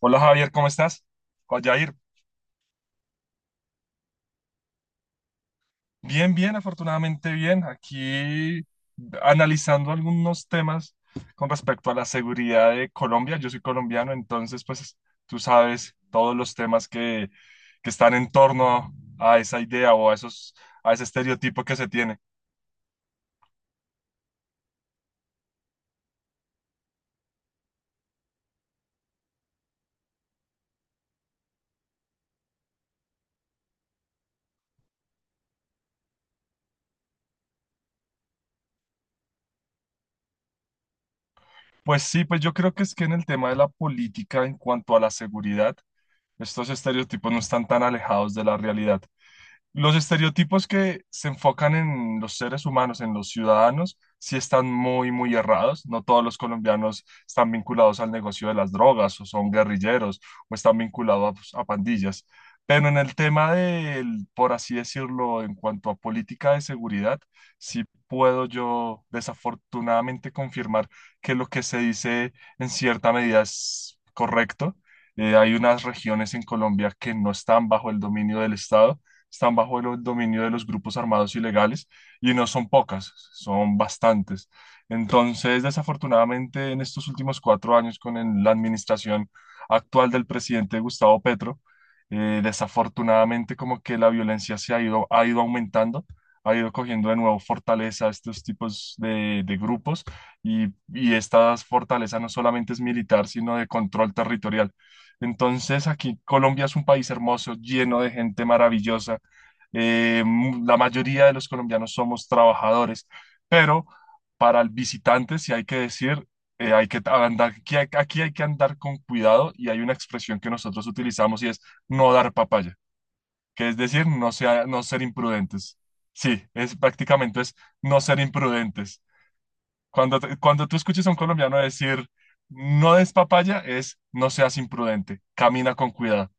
Hola Javier, ¿cómo estás? Hola Jair. Bien, bien, afortunadamente bien. Aquí analizando algunos temas con respecto a la seguridad de Colombia. Yo soy colombiano, entonces pues tú sabes todos los temas que están en torno a esa idea o a a ese estereotipo que se tiene. Pues sí, pues yo creo que es que en el tema de la política en cuanto a la seguridad, estos estereotipos no están tan alejados de la realidad. Los estereotipos que se enfocan en los seres humanos, en los ciudadanos, sí están muy, muy errados. No todos los colombianos están vinculados al negocio de las drogas o son guerrilleros o están vinculados a pandillas. Pero en el tema del, por así decirlo, en cuanto a política de seguridad, sí puedo yo desafortunadamente confirmar que lo que se dice en cierta medida es correcto. Hay unas regiones en Colombia que no están bajo el dominio del Estado. Están bajo el dominio de los grupos armados ilegales y no son pocas, son bastantes. Entonces, desafortunadamente, en estos últimos 4 años con la administración actual del presidente Gustavo Petro, desafortunadamente como que la violencia ha ido aumentando, ha ido cogiendo de nuevo fortaleza a estos tipos de grupos y, y esta fortaleza no solamente es militar, sino de control territorial. Entonces aquí Colombia es un país hermoso, lleno de gente maravillosa, la mayoría de los colombianos somos trabajadores, pero para el visitante, si hay que decir, hay que andar, aquí hay que andar con cuidado y hay una expresión que nosotros utilizamos y es no dar papaya, que es decir, no ser imprudentes. Sí, es prácticamente es no ser imprudentes. Cuando tú escuches a un colombiano decir no des papaya, es no seas imprudente, camina con cuidado.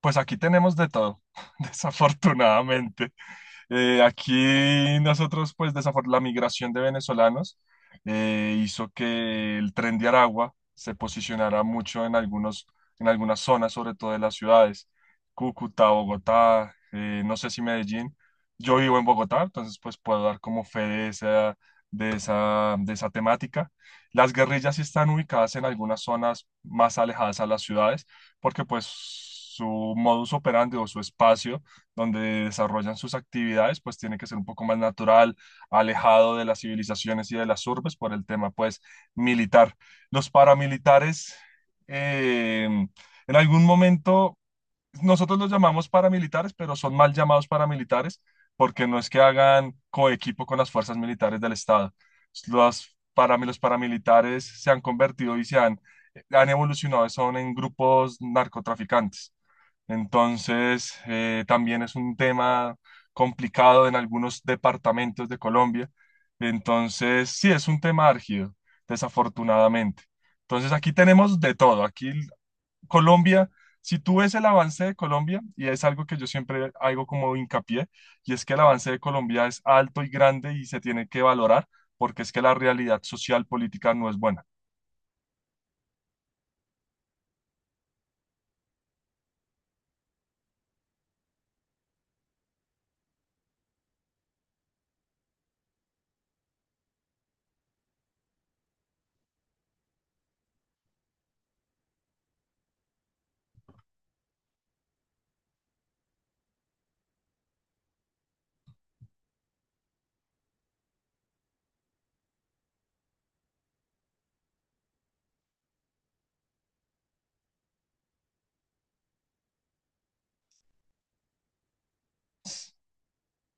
Pues aquí tenemos de todo, desafortunadamente. Aquí nosotros, pues la migración de venezolanos hizo que el tren de Aragua se posicionara mucho en en algunas zonas, sobre todo de las ciudades, Cúcuta, Bogotá, no sé si Medellín. Yo vivo en Bogotá, entonces pues puedo dar como fe de esa temática. Las guerrillas sí están ubicadas en algunas zonas más alejadas a las ciudades porque pues su modus operandi o su espacio donde desarrollan sus actividades pues tiene que ser un poco más natural, alejado de las civilizaciones y de las urbes por el tema pues militar. Los paramilitares eh, en algún momento nosotros los llamamos paramilitares, pero son mal llamados paramilitares porque no es que hagan coequipo con las fuerzas militares del Estado. Los paramilitares se han convertido y han evolucionado, son en grupos narcotraficantes. Entonces, también es un tema complicado en algunos departamentos de Colombia. Entonces, sí, es un tema árgido, desafortunadamente. Entonces, aquí tenemos de todo. Aquí Colombia, si tú ves el avance de Colombia, y es algo que yo siempre hago como hincapié, y es que el avance de Colombia es alto y grande y se tiene que valorar porque es que la realidad social política no es buena.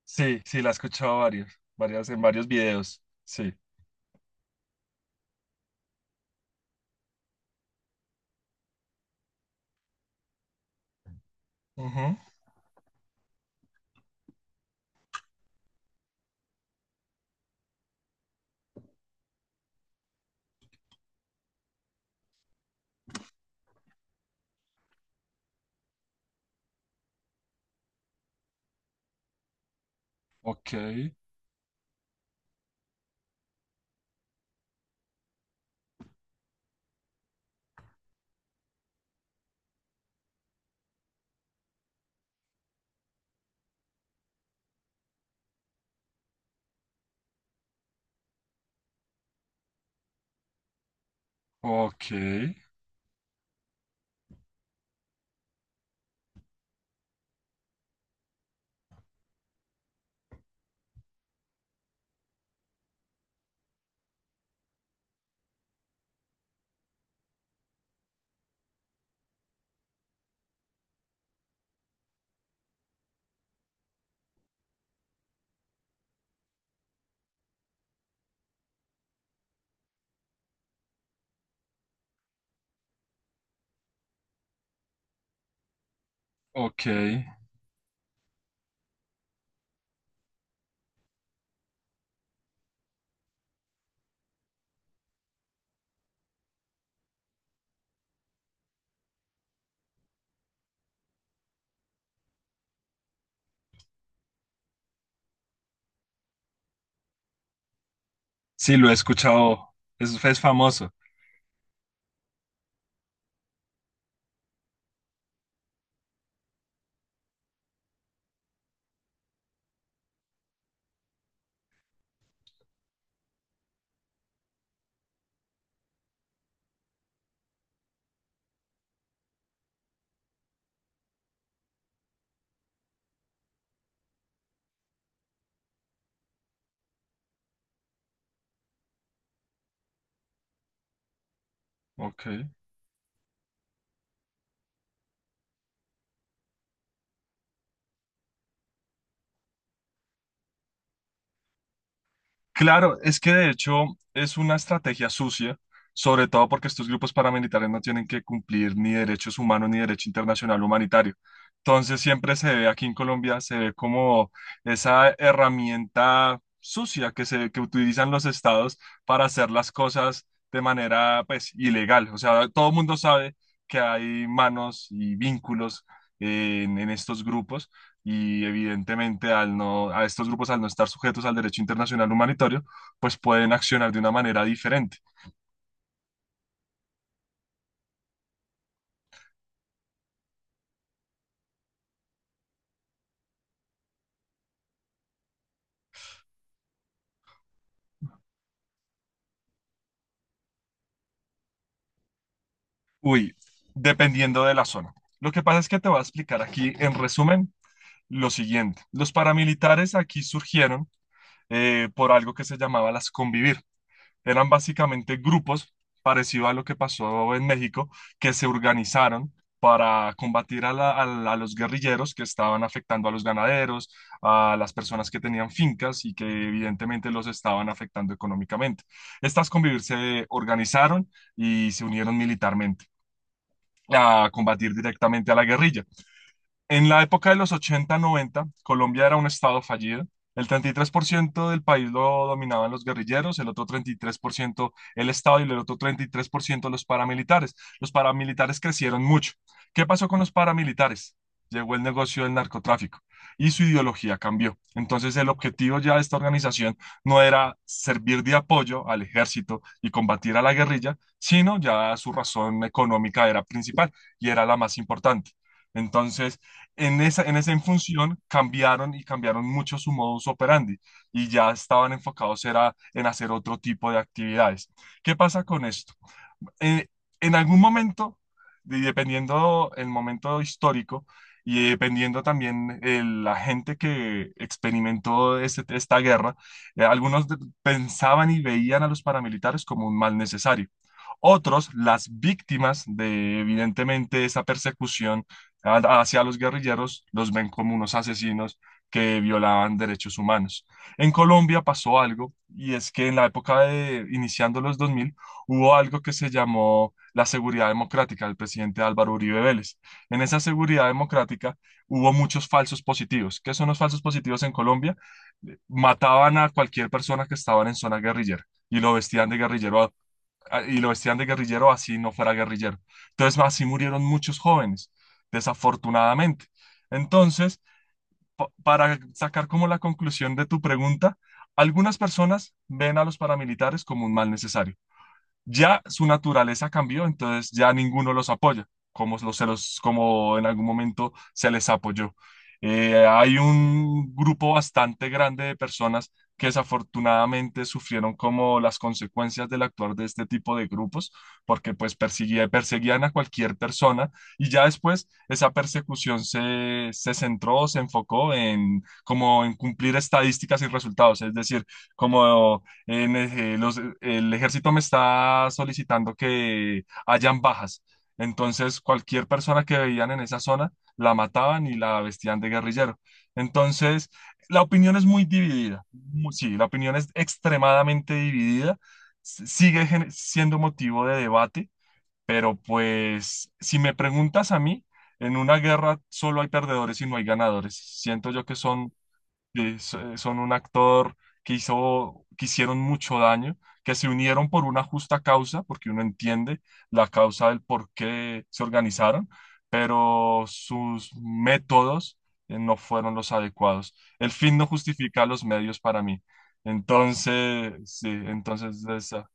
Sí, sí, la he escuchado varias, en varios videos. Sí. Ujú. Ok, ok, ok. Sí, lo he escuchado. Es famoso. Ok. Claro, es que de hecho es una estrategia sucia, sobre todo porque estos grupos paramilitares no tienen que cumplir ni derechos humanos ni derecho internacional humanitario. Entonces siempre se ve aquí en Colombia, se ve como esa herramienta sucia que se que utilizan los estados para hacer las cosas de manera pues ilegal. O sea, todo el mundo sabe que hay manos y vínculos en estos grupos y evidentemente al no, a estos grupos al no estar sujetos al derecho internacional humanitario, pues pueden accionar de una manera diferente. Uy, dependiendo de la zona. Lo que pasa es que te voy a explicar aquí en resumen lo siguiente. Los paramilitares aquí surgieron por algo que se llamaba las convivir. Eran básicamente grupos, parecido a lo que pasó en México, que se organizaron para combatir a los guerrilleros que estaban afectando a los ganaderos, a las personas que tenían fincas y que evidentemente los estaban afectando económicamente. Estas convivir se organizaron y se unieron militarmente a combatir directamente a la guerrilla. En la época de los ochenta noventa Colombia era un estado fallido. El 33% del país lo dominaban los guerrilleros, el otro 33% el Estado y el otro 33% los paramilitares. Los paramilitares crecieron mucho. ¿Qué pasó con los paramilitares? Llegó el negocio del narcotráfico y su ideología cambió. Entonces el objetivo ya de esta organización no era servir de apoyo al ejército y combatir a la guerrilla, sino ya su razón económica era principal y era la más importante. Entonces, en esa función cambiaron y cambiaron mucho su modus operandi y ya estaban enfocados era en hacer otro tipo de actividades. ¿Qué pasa con esto? eh, en algún momento, y dependiendo el momento histórico y dependiendo también la gente que experimentó esta guerra, algunos pensaban y veían a los paramilitares como un mal necesario. Otros, las víctimas de evidentemente esa persecución hacia los guerrilleros, los ven como unos asesinos que violaban derechos humanos. En Colombia pasó algo, y es que en la época de iniciando los 2000 hubo algo que se llamó la seguridad democrática del presidente Álvaro Uribe Vélez. En esa seguridad democrática hubo muchos falsos positivos. ¿Qué son los falsos positivos en Colombia? Mataban a cualquier persona que estaban en zona guerrillera y lo vestían de guerrillero y lo vestían de guerrillero así no fuera guerrillero. Entonces, así murieron muchos jóvenes, desafortunadamente. Entonces, para sacar como la conclusión de tu pregunta, algunas personas ven a los paramilitares como un mal necesario ya su naturaleza cambió, entonces ya ninguno los apoya, como, los, se los- como en algún momento se les apoyó. Hay un grupo bastante grande de personas que desafortunadamente sufrieron como las consecuencias del actuar de este tipo de grupos, porque pues perseguían a cualquier persona y ya después esa persecución se centró, se enfocó en como en cumplir estadísticas y resultados, es decir, como el ejército me está solicitando que hayan bajas. Entonces, cualquier persona que veían en esa zona la mataban y la vestían de guerrillero. Entonces, la opinión es muy dividida. Sí, la opinión es extremadamente dividida. Sigue siendo motivo de debate, pero pues, si me preguntas a mí, en una guerra solo hay perdedores y no hay ganadores. Siento yo que son un actor que que hicieron mucho daño, que se unieron por una justa causa, porque uno entiende la causa del por qué se organizaron, pero sus métodos no fueron los adecuados. El fin no justifica los medios para mí. Entonces, sí, entonces, desa-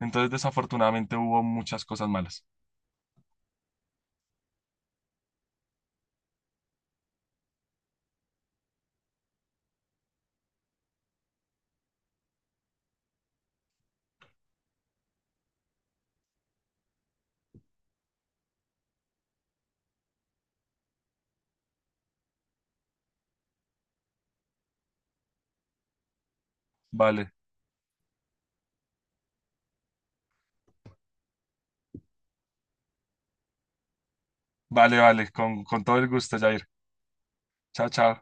entonces desafortunadamente hubo muchas cosas malas. Vale, vale, vale, con todo el gusto, Jair. Chao, chao.